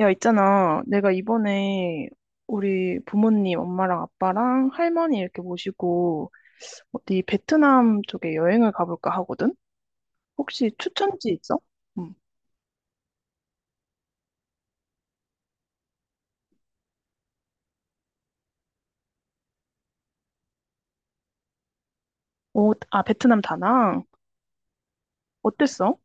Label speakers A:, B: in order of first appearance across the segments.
A: 야, 있잖아. 내가 이번에 우리 부모님, 엄마랑 아빠랑 할머니 이렇게 모시고 어디 베트남 쪽에 여행을 가볼까 하거든? 혹시 추천지 있어? 응. 오, 아, 베트남 다낭. 어땠어?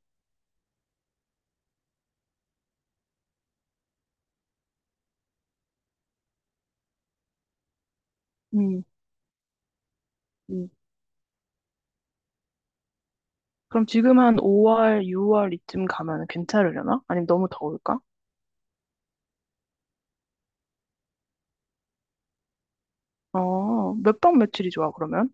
A: 응, 응. 그럼 지금 한 5월, 6월 이쯤 가면 괜찮으려나? 아니면 너무 더울까? 몇 박 며칠이 좋아, 그러면?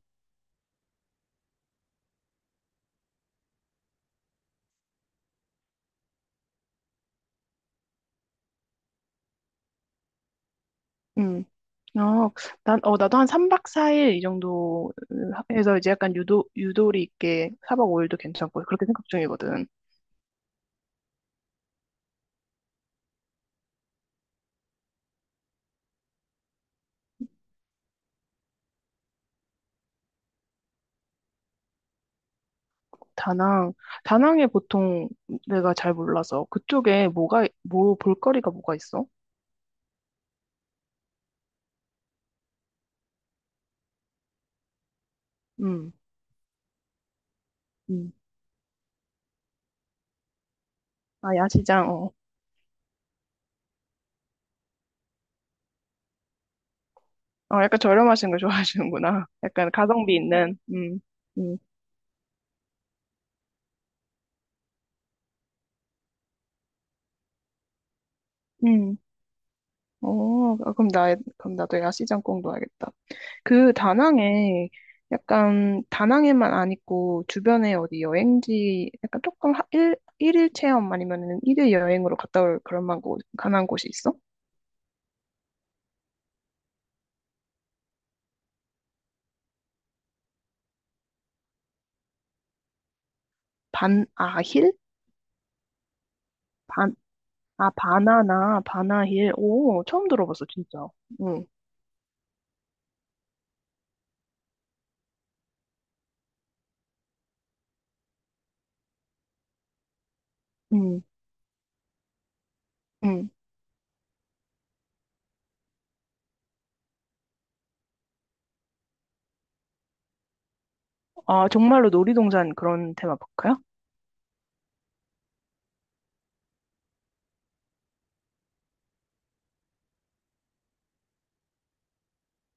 A: 응. 어, 나도 한 3박 4일 이 정도 해서 이제 약간 유도리 있게 4박 5일도 괜찮고 그렇게 생각 중이거든. 다낭, 다낭에 보통 내가 잘 몰라서 그쪽에 뭐 볼거리가 뭐가 있어? 음, 음. 아, 야시장, 어. 어, 약간 저렴하신 걸 좋아하시는구나. 약간 가성비 있는, 음, 음. 아, 그럼 나도 야시장 꼭 넣어야겠다. 그 다낭에 약간 다낭에만 안 있고 주변에 어디 여행지 약간 조금 일일 체험 아니면은 일일 여행으로 갔다 올 그런 가난 곳이 있어? 반아힐? 반, 아, 바나나, 바나힐. 오, 처음 들어봤어, 진짜. 응, 응, 응. 아, 정말로 놀이동산 그런 테마파크야?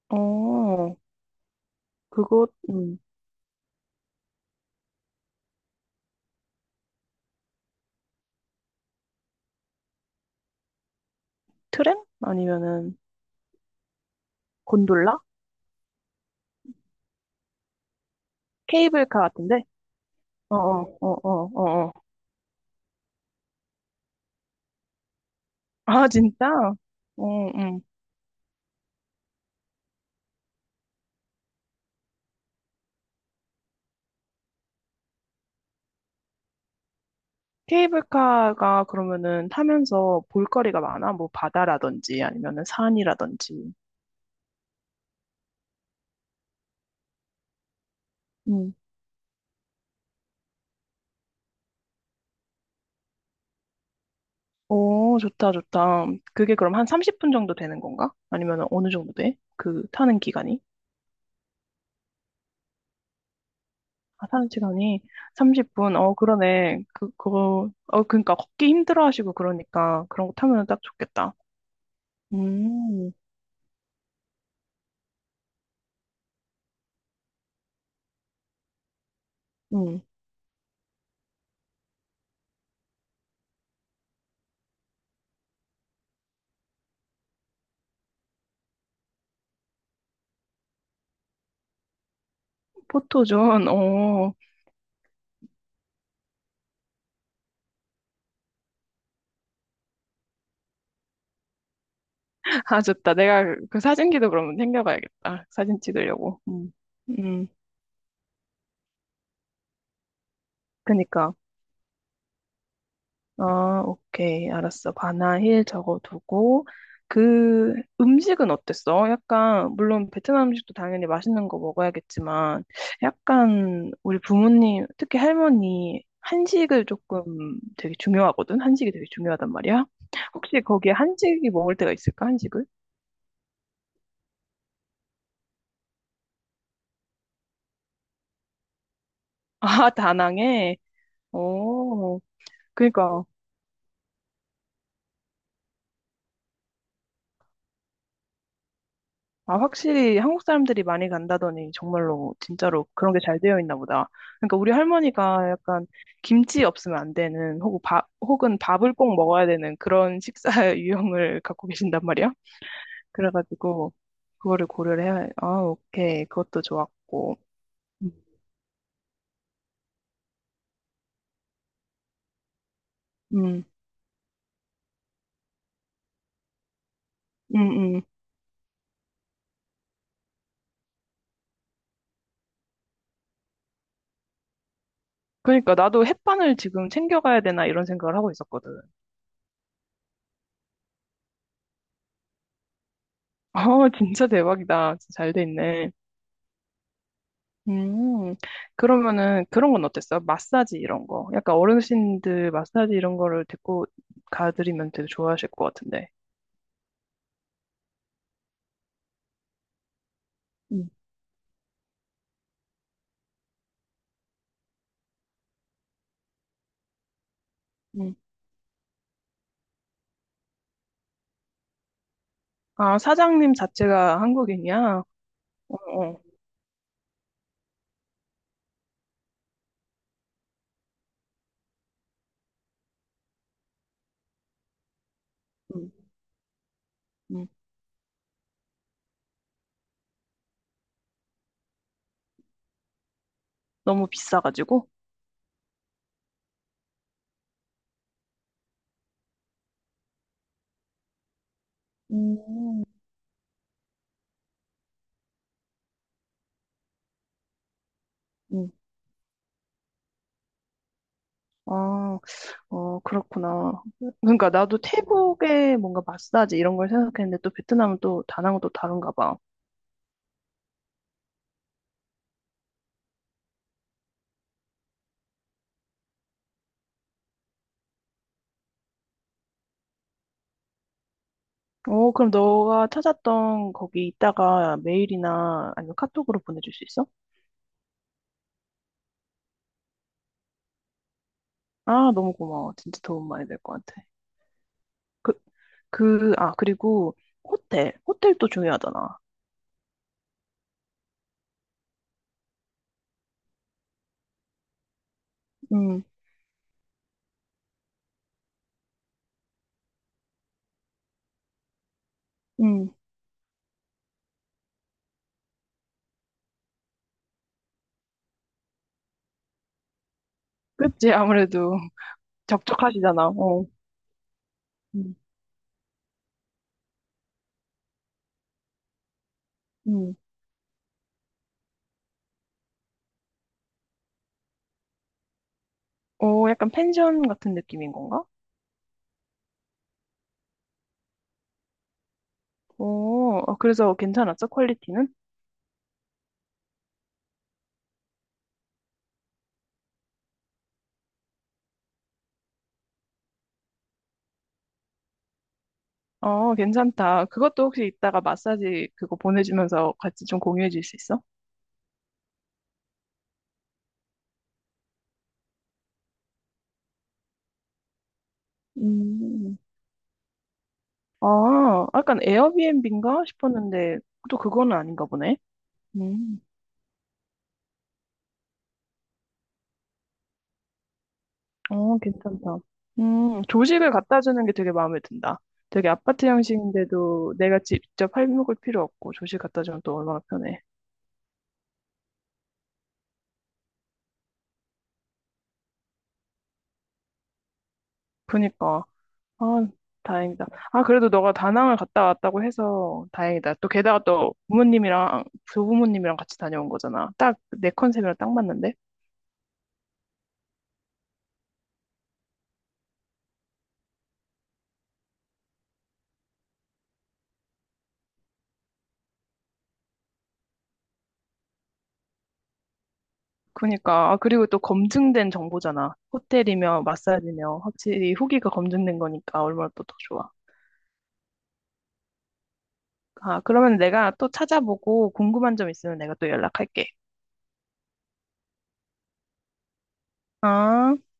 A: 어, 그거, 트램? 아니면은 곤돌라? 케이블카 같은데? 어, 어, 어, 어, 어. 어. 아, 진짜? 어, 응. 케이블카가 그러면은 타면서 볼거리가 많아? 뭐 바다라든지 아니면은 산이라든지. 음. 오, 좋다, 좋다. 그게 그럼 한 30분 정도 되는 건가? 아니면은 어느 정도 돼? 그 타는 기간이? 아, 타는 시간이 30분. 어, 그러네. 그러니까 걷기 힘들어 하시고 그러니까 그런 거 타면은 딱 좋겠다. 음. 음. 포토존, 어, 아, 좋다. 내가 그 사진기도 그러면 챙겨가야겠다. 사진 찍으려고. 음. 음, 그니까. 아, 오케이. 알았어. 바나힐 적어두고, 그 음식은 어땠어? 약간, 물론 베트남 음식도 당연히 맛있는 거 먹어야겠지만, 약간 우리 부모님, 특히 할머니, 한식을 조금 되게 중요하거든? 한식이 되게 중요하단 말이야? 혹시 거기에 한식이 먹을 때가 있을까? 한식을? 아, 다낭에? 오, 그니까. 아, 확실히 한국 사람들이 많이 간다더니 정말로 진짜로 그런 게 잘 되어 있나 보다. 그러니까 우리 할머니가 약간 김치 없으면 안 되는 혹은 밥, 혹은 밥을 꼭 먹어야 되는 그런 식사 유형을 갖고 계신단 말이야. 그래가지고 그거를 고려를 해야, 아, 오케이. 그것도 좋았고. 음, 음, 음. 그러니까 나도 햇반을 지금 챙겨가야 되나 이런 생각을 하고 있었거든. 아, 진짜 대박이다. 진짜 잘 돼 있네. 음, 그러면은 그런 건 어땠어요? 마사지 이런 거. 약간 어르신들 마사지 이런 거를 데리고 가드리면 되게 좋아하실 것 같은데. 음, 음. 아, 사장님 자체가 한국인이야? 어, 어. 음, 음. 너무 비싸가지고? 음, 음. 아, 그렇구나. 그러니까 나도 태국에 뭔가 마사지 이런 걸 생각했는데 또 베트남은 또 다낭은 또 다른가 봐. 어, 그럼 너가 찾았던 거기 있다가 메일이나 아니면 카톡으로 보내줄 수 있어? 아, 너무 고마워. 진짜 도움 많이 될 것 같아. 그, 아, 그리고 호텔. 호텔도 중요하잖아. 음, 음. 그치, 아무래도 적적하시잖아. 어. 음, 음. 오, 약간 펜션 같은 느낌인 건가? 오, 그래서 괜찮았어? 퀄리티는? 어, 괜찮다. 그것도 혹시 이따가 마사지 그거 보내주면서 같이 좀 공유해 줄 수 있어? 음. 아, 약간 에어비앤비인가 싶었는데 또 그거는 아닌가 보네. 음. 어, 괜찮다. 조식을 갖다 주는 게 되게 마음에 든다. 되게 아파트 형식인데도 내가 직접 해 먹을 필요 없고 조식 갖다 주면 또 얼마나 편해. 그니까. 아, 다행이다. 아, 그래도 너가 다낭을 갔다 왔다고 해서 다행이다. 또 게다가 또 부모님이랑, 조부모님이랑 같이 다녀온 거잖아. 딱 내 컨셉이랑 딱 맞는데? 그니까. 아, 그리고 또 검증된 정보잖아. 호텔이며 마사지며 확실히 후기가 검증된 거니까 얼마나 또 더 좋아. 아, 그러면 내가 또 찾아보고 궁금한 점 있으면 내가 또 연락할게. 아.